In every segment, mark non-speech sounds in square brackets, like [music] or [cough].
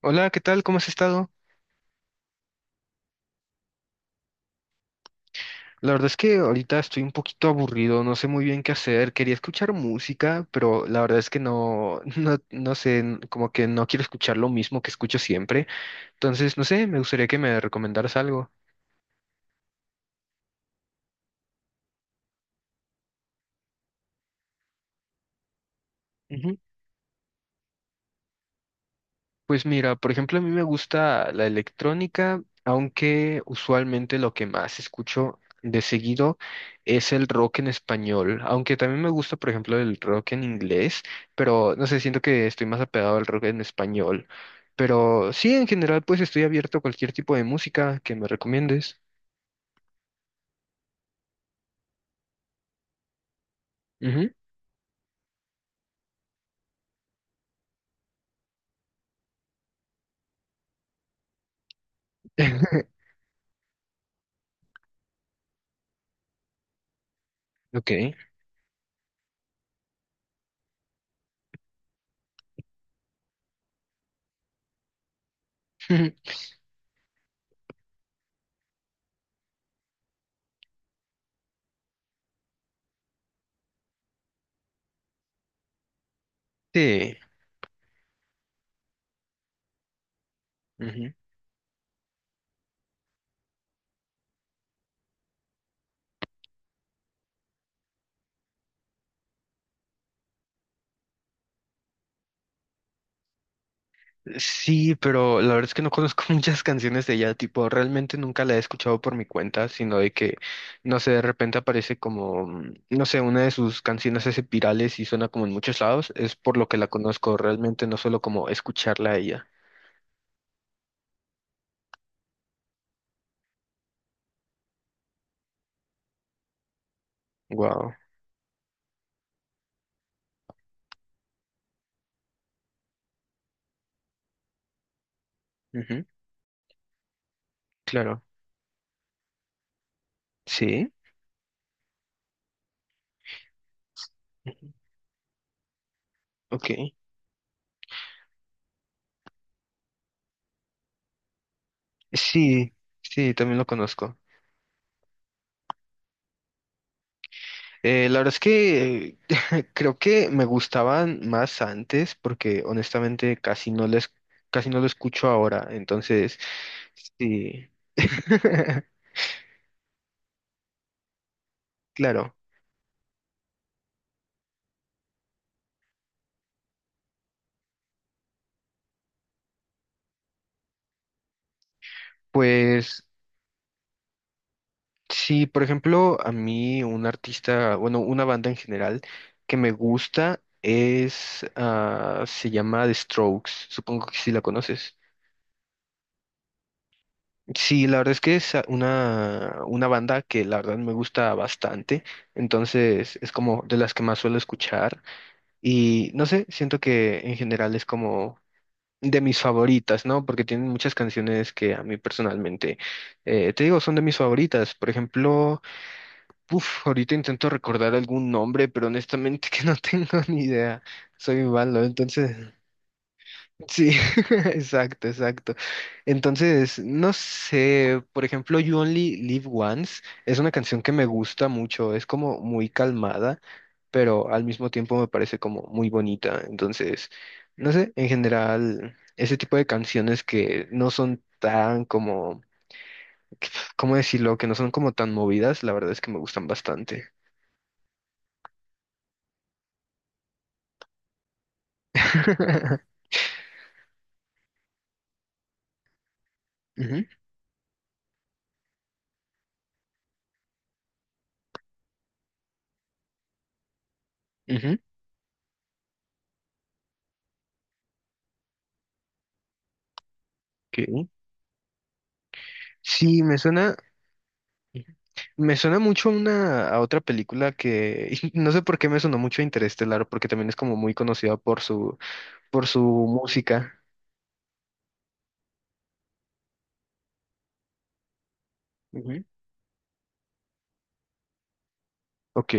Hola, ¿qué tal? ¿Cómo has estado? La verdad es que ahorita estoy un poquito aburrido, no sé muy bien qué hacer. Quería escuchar música, pero la verdad es que no, [laughs] no, no sé, como que no quiero escuchar lo mismo que escucho siempre. Entonces, no sé, me gustaría que me recomendaras algo. Pues mira, por ejemplo, a mí me gusta la electrónica, aunque usualmente lo que más escucho de seguido es el rock en español, aunque también me gusta, por ejemplo, el rock en inglés, pero no sé, siento que estoy más apegado al rock en español. Pero sí, en general, pues estoy abierto a cualquier tipo de música que me recomiendes. Ujú. [laughs] Ok. [laughs] Sí. Ujú. Sí, pero la verdad es que no conozco [laughs] muchas canciones de ella, tipo, realmente nunca la he escuchado por mi cuenta, sino de que, no sé, de repente aparece como, no sé, una de sus canciones hace virales y suena como en muchos lados, es por lo que la conozco, realmente no solo como escucharla a ella. Wow. Claro. Sí. Ujú. Ok. Sí, sí, también lo conozco. La verdad es que [laughs] creo que me gustaban más antes porque honestamente casi no les, casi no lo escucho ahora. Entonces, sí. [laughs] Claro, pues sí, por ejemplo, a mí un artista, bueno, una banda en general que me gusta es, ah, se llama The Strokes, supongo que sí la conoces. Sí, la verdad es que es una banda que la verdad me gusta bastante, entonces es como de las que más suelo escuchar y no sé, siento que en general es como de mis favoritas, ¿no? Porque tienen muchas canciones que a mí personalmente, te digo, son de mis favoritas. Por ejemplo, uff, ahorita intento recordar algún nombre, pero honestamente [laughs] que no tengo ni idea, soy malo, entonces... Sí, [laughs] exacto, exacto. Entonces, no sé, por ejemplo, You Only Live Once es una canción que me gusta mucho, es como muy calmada, pero al mismo tiempo me parece como muy bonita. Entonces, no sé, en general, ese tipo de canciones que no son tan como, ¿cómo decirlo? Que no son como tan movidas, la verdad es que me gustan bastante. [laughs] Ujú, ujú, ok. Sí, me suena, sí. Me suena mucho a una, a otra película que [laughs] no sé por qué me sonó mucho a Interestelar, porque también es como muy conocida por su música. Ujú, ok,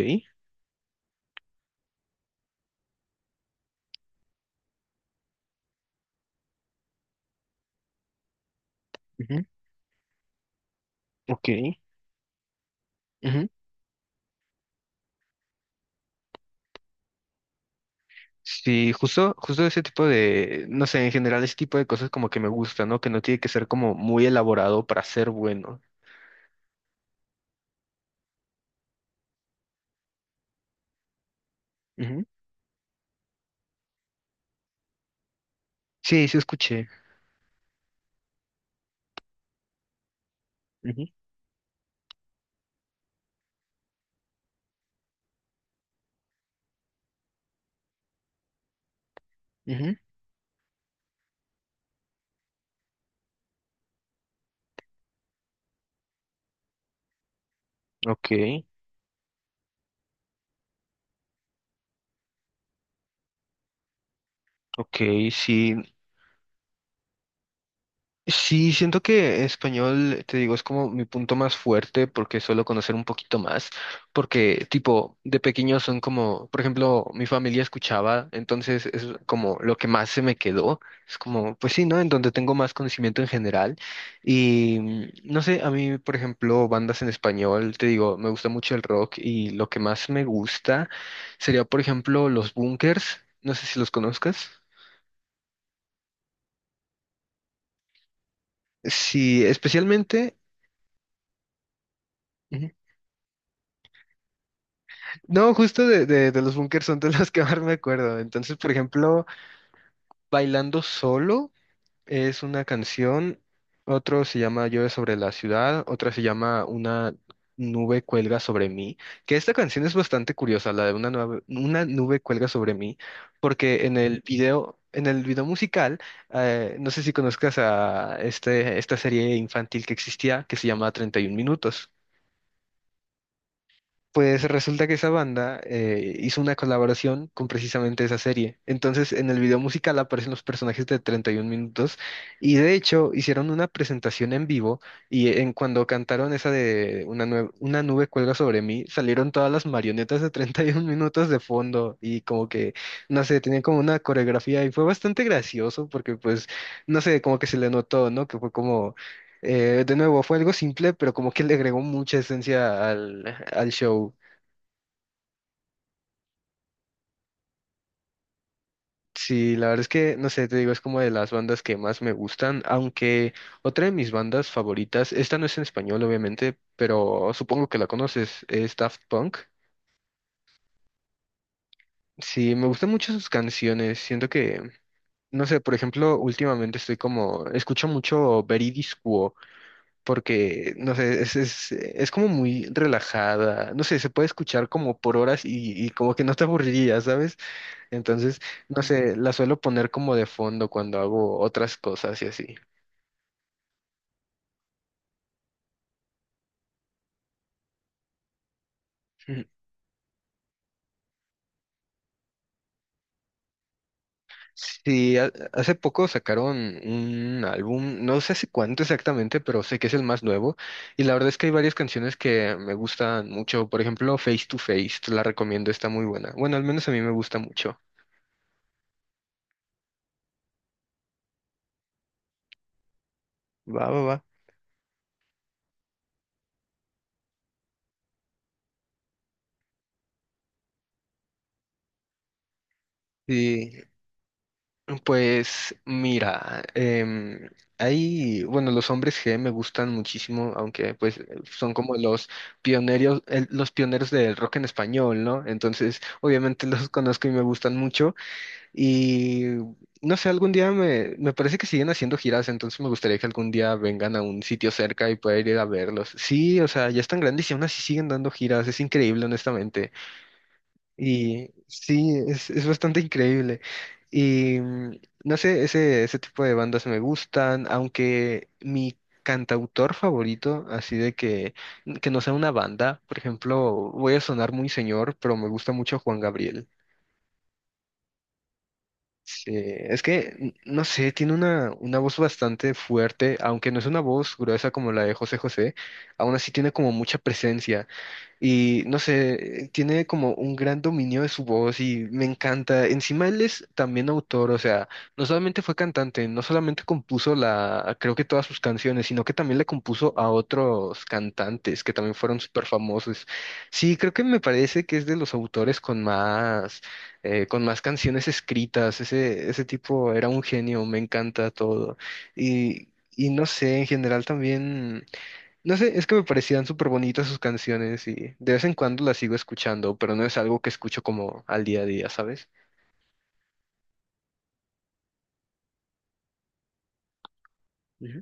ujú. Ok. Ujú. Sí, justo, justo ese tipo de, no sé, en general ese tipo de cosas como que me gusta, ¿no? Que no tiene que ser como muy elaborado para ser bueno. Ujú. Sí, sí escuché. Ujú, ujú. Ok, ok, sí. Sí, siento que español, te digo, es como mi punto más fuerte porque suelo conocer un poquito más, porque tipo, de pequeño son como, por ejemplo, mi familia escuchaba, entonces es como lo que más se me quedó, es como, pues sí, ¿no? En donde tengo más conocimiento en general y no sé, a mí, por ejemplo, bandas en español, te digo, me gusta mucho el rock y lo que más me gusta sería, por ejemplo, los Bunkers, no sé si los conozcas. Sí, especialmente. No, justo de los Bunkers son de las que más me acuerdo. Entonces, por ejemplo, Bailando Solo es una canción, otro se llama Llueve sobre la ciudad, otra se llama Una nube cuelga sobre mí, que esta canción es bastante curiosa, la de una nube cuelga sobre mí, porque en el video musical, no sé si conozcas a este, esta serie infantil que existía, que se llama 31 minutos. Pues resulta que esa banda hizo una colaboración con precisamente esa serie. Entonces, en el video musical aparecen los personajes de 31 minutos y de hecho hicieron una presentación en vivo y en cuando cantaron esa de una nube cuelga sobre mí, salieron todas las marionetas de 31 minutos de fondo y como que, no sé, tenían como una coreografía y fue bastante gracioso porque pues, no sé, como que se le notó, ¿no? Que fue como, de nuevo, fue algo simple, pero como que le agregó mucha esencia al, al show. Sí, la verdad es que, no sé, te digo, es como de las bandas que más me gustan, aunque otra de mis bandas favoritas, esta no es en español, obviamente, pero supongo que la conoces, es Daft Punk. Sí, me gustan mucho sus canciones, siento que, no sé, por ejemplo, últimamente estoy como, escucho mucho Veridis Quo, porque, no sé, es como muy relajada, no sé, se puede escuchar como por horas y como que no te aburriría, ¿sabes? Entonces, no sé, la suelo poner como de fondo cuando hago otras cosas y así. Ujú. Sí, hace poco sacaron un álbum, no sé hace cuánto exactamente, pero sé que es el más nuevo. Y la verdad es que hay varias canciones que me gustan mucho. Por ejemplo, Face to Face, te la recomiendo, está muy buena. Bueno, al menos a mí me gusta mucho. Va, va, va. Sí, pues mira, hay, bueno, los Hombres G me gustan muchísimo, aunque pues son como los pioneros, los pioneros del rock en español, ¿no? Entonces, obviamente [laughs] los conozco y me gustan mucho. Y no sé, algún día me, me parece que siguen haciendo giras, entonces me gustaría que algún día vengan a un sitio cerca y pueda ir a verlos. Sí, o sea, ya están grandes y aún así siguen dando giras, es increíble, honestamente. Y sí, es bastante increíble. Y no sé, ese tipo de bandas me gustan, aunque mi cantautor favorito, así de que no sea una banda, por ejemplo, voy a sonar muy señor, pero me gusta mucho Juan Gabriel. Sí, es que, no sé, tiene una voz bastante fuerte, aunque no es una voz gruesa como la de José José, aún así tiene como mucha presencia. Y no sé, tiene como un gran dominio de su voz y me encanta. Encima él es también autor, o sea, no solamente fue cantante, no solamente compuso la, creo que todas sus canciones, sino que también le compuso a otros cantantes que también fueron súper famosos. Sí, creo que me parece que es de los autores con más canciones escritas. Ese tipo era un genio, me encanta todo. Y, y no sé, en general también. No sé, es que me parecían súper bonitas sus canciones y de vez en cuando las sigo escuchando, pero no es algo que escucho como al día a día, ¿sabes? Ujú.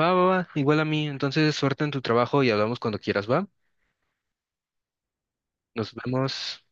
Va, va, va, igual a mí. Entonces, suerte en tu trabajo y hablamos cuando quieras, ¿va? Nos vemos.